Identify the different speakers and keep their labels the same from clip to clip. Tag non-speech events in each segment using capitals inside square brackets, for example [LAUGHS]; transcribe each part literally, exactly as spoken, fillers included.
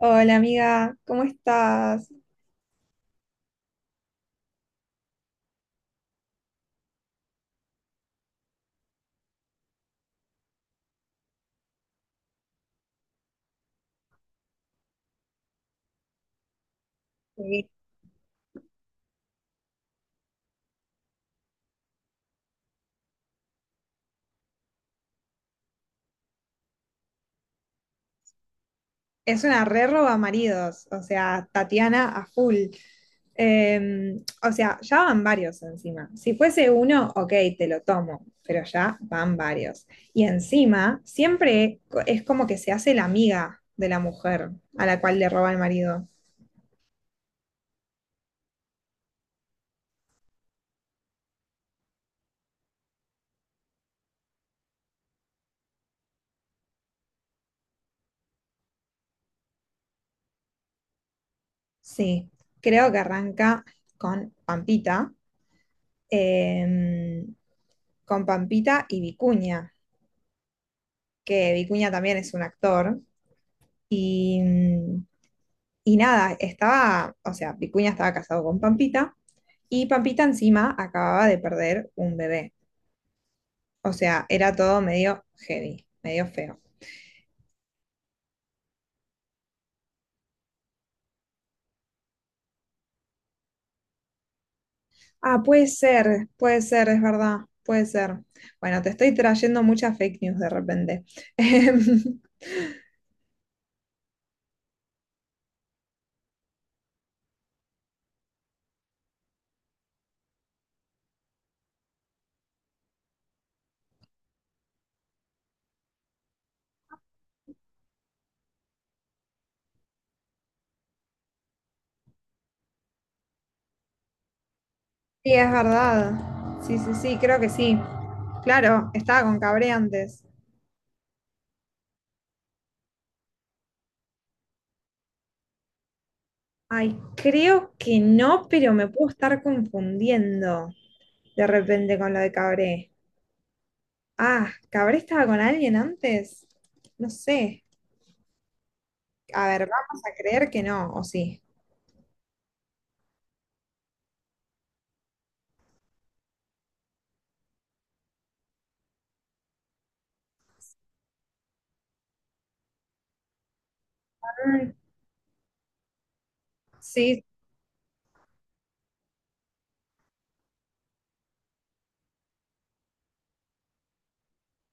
Speaker 1: Hola amiga, ¿cómo estás? Sí. Es una re roba maridos, o sea, Tatiana a full. Eh, o sea, ya van varios encima. Si fuese uno, ok, te lo tomo, pero ya van varios. Y encima, siempre co- es como que se hace la amiga de la mujer a la cual le roba el marido. Sí, creo que arranca con Pampita, eh, con Pampita y Vicuña, que Vicuña también es un actor. Y, mm, y nada, estaba, o sea, Vicuña estaba casado con Pampita y Pampita encima acababa de perder un bebé. O sea, era todo medio heavy, medio feo. Ah, puede ser, puede ser, es verdad, puede ser. Bueno, te estoy trayendo muchas fake news de repente. [LAUGHS] Sí, es verdad. Sí, sí, sí, creo que sí. Claro, estaba con Cabre antes. Ay, creo que no, pero me puedo estar confundiendo de repente con lo de Cabré. Ah, ¿Cabré estaba con alguien antes? No sé. A ver, vamos a creer que no, o sí. Mm. Sí,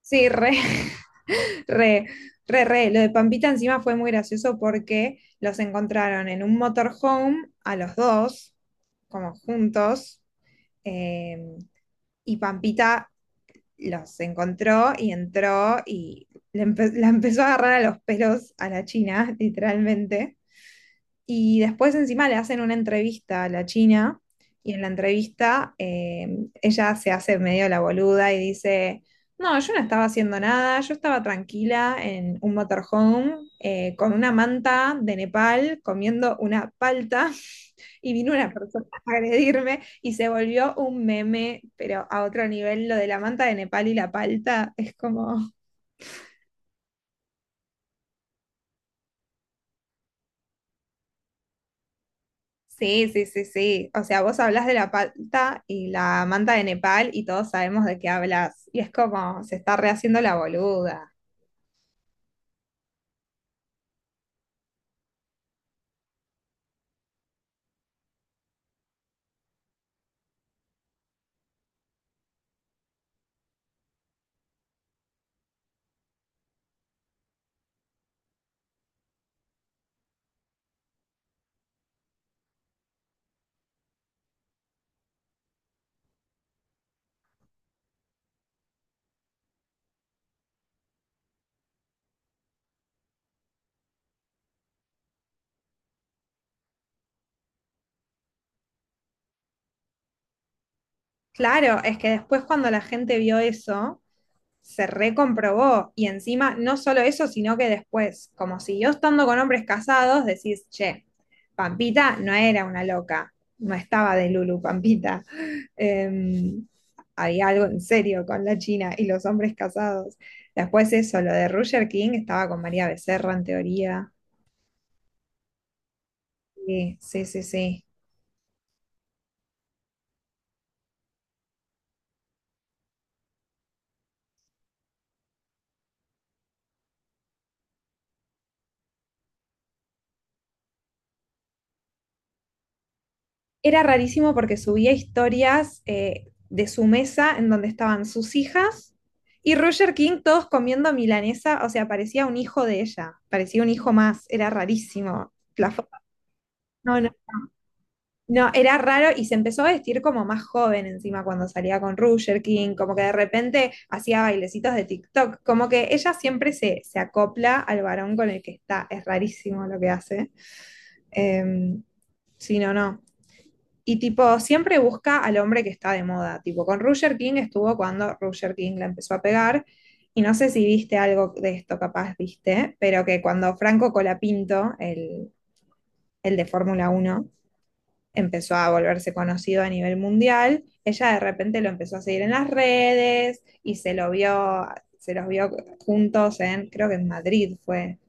Speaker 1: sí, re, [LAUGHS] re, re, re. Lo de Pampita encima fue muy gracioso porque los encontraron en un motorhome a los dos, como juntos, eh, y Pampita los encontró y entró y le empe- la empezó a agarrar a los pelos a la China, [LAUGHS] literalmente. Y después encima le hacen una entrevista a la China y en la entrevista eh, ella se hace medio la boluda y dice, no, yo no estaba haciendo nada, yo estaba tranquila en un motorhome eh, con una manta de Nepal comiendo una palta y vino una persona [LAUGHS] a agredirme y se volvió un meme, pero a otro nivel, lo de la manta de Nepal y la palta es como. Sí, sí, sí, sí. O sea, vos hablas de la palta y la manta de Nepal y todos sabemos de qué hablas. Y es como, se está rehaciendo la boluda. Claro, es que después cuando la gente vio eso, se recomprobó. Y encima, no solo eso, sino que después, como siguió estando con hombres casados, decís, che, Pampita no era una loca, no estaba de Lulu Pampita. Eh, Había algo en serio con la China y los hombres casados. Después eso, lo de Roger King estaba con María Becerra en teoría. Sí, sí, sí, sí. Era rarísimo porque subía historias eh, de su mesa en donde estaban sus hijas y Roger King todos comiendo milanesa, o sea, parecía un hijo de ella, parecía un hijo más, era rarísimo. La fo- no, no, no, era raro y se empezó a vestir como más joven encima cuando salía con Roger King, como que de repente hacía bailecitos de TikTok, como que ella siempre se, se acopla al varón con el que está, es rarísimo lo que hace. Em, sí, no, no. Y tipo, siempre busca al hombre que está de moda. Tipo, con Roger King estuvo cuando Roger King la empezó a pegar. Y no sé si viste algo de esto, capaz viste, pero que cuando Franco Colapinto, el, el de Fórmula Uno, empezó a volverse conocido a nivel mundial, ella de repente lo empezó a seguir en las redes y se lo vio, se los vio juntos en, creo que en Madrid fue,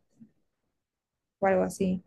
Speaker 1: o algo así.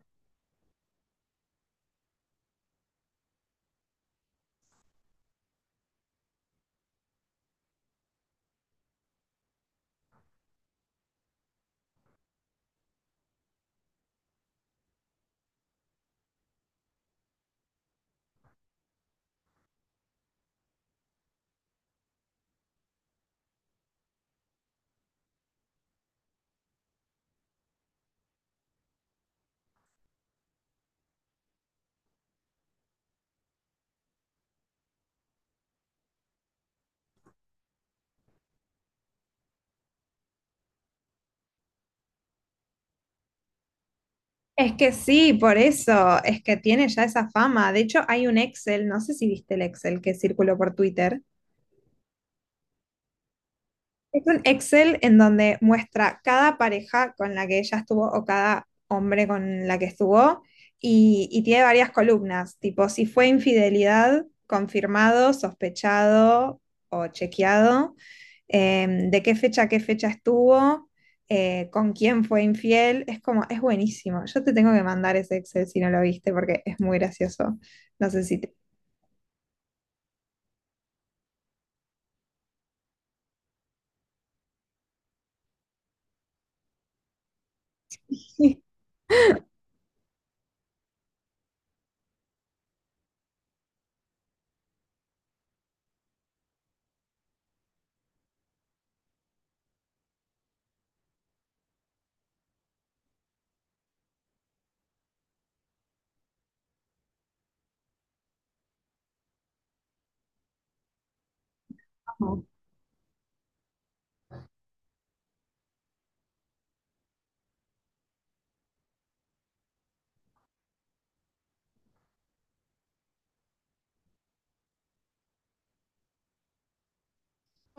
Speaker 1: Es que sí, por eso, es que tiene ya esa fama. De hecho, hay un Excel, no sé si viste el Excel que circuló por Twitter, es un Excel en donde muestra cada pareja con la que ella estuvo o cada hombre con la que estuvo y, y tiene varias columnas, tipo si fue infidelidad, confirmado, sospechado o chequeado, eh, de qué fecha a qué fecha estuvo, eh, con quién fue infiel. Es como, es buenísimo. Yo te tengo que mandar ese Excel si no lo viste porque es muy gracioso. No sé si te. [LAUGHS]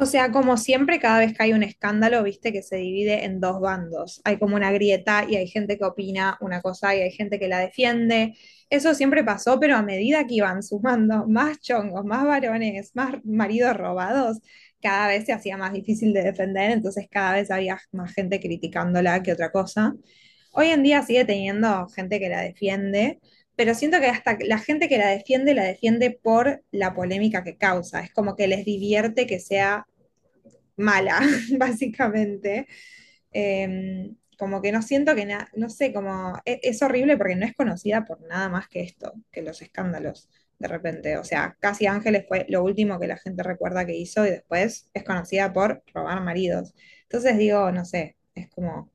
Speaker 1: O sea, como siempre, cada vez que hay un escándalo, viste que se divide en dos bandos. Hay como una grieta y hay gente que opina una cosa y hay gente que la defiende. Eso siempre pasó, pero a medida que iban sumando más chongos, más varones, más maridos robados, cada vez se hacía más difícil de defender, entonces cada vez había más gente criticándola que otra cosa. Hoy en día sigue teniendo gente que la defiende, pero siento que hasta la gente que la defiende la defiende por la polémica que causa. Es como que les divierte que sea mala, [LAUGHS] básicamente. Eh, Como que no siento que nada, no sé, como e- es, horrible porque no es conocida por nada más que esto, que los escándalos, de repente. O sea, Casi Ángeles fue lo último que la gente recuerda que hizo y después es conocida por robar maridos. Entonces digo, no sé, es como,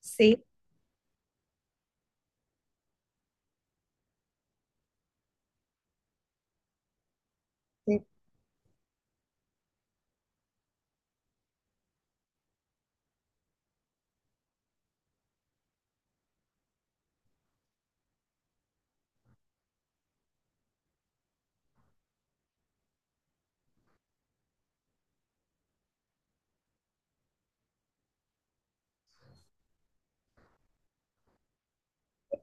Speaker 1: sí, sí,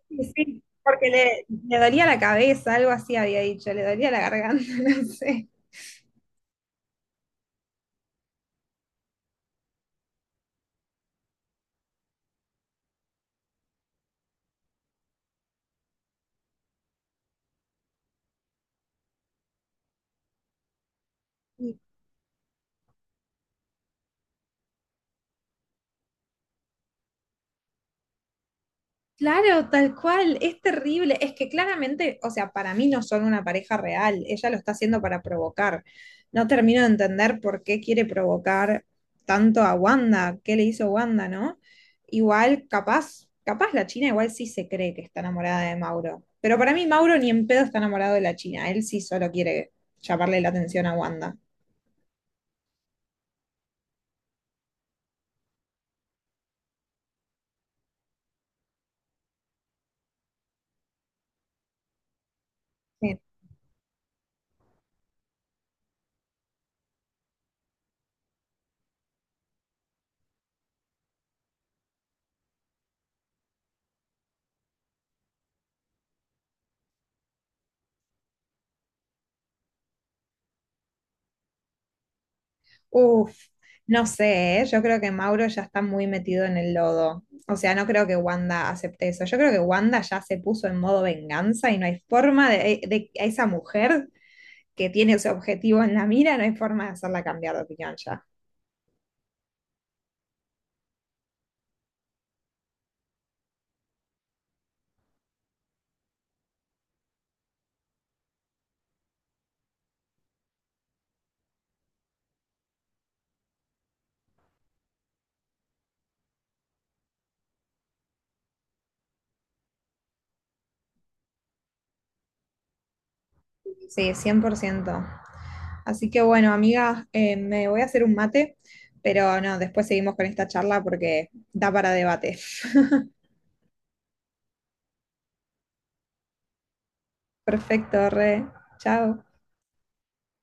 Speaker 1: sí, sí, porque le, le dolía la cabeza, algo así había dicho, le dolía la garganta, [LAUGHS] no sé. Claro, tal cual, es terrible. Es que claramente, o sea, para mí no son una pareja real, ella lo está haciendo para provocar. No termino de entender por qué quiere provocar tanto a Wanda, qué le hizo Wanda, ¿no? Igual, capaz, capaz la China igual sí se cree que está enamorada de Mauro, pero para mí Mauro ni en pedo está enamorado de la China, él sí solo quiere llamarle la atención a Wanda. Uf, no sé, ¿eh? Yo creo que Mauro ya está muy metido en el lodo. O sea, no creo que Wanda acepte eso. Yo creo que Wanda ya se puso en modo venganza y no hay forma de, eh, de a esa mujer que tiene ese objetivo en la mira, no hay forma de hacerla cambiar de opinión ya. Sí, cien por ciento. Así que bueno, amiga, eh, me voy a hacer un mate, pero no, después seguimos con esta charla porque da para debate. [LAUGHS] Perfecto, re. Chao.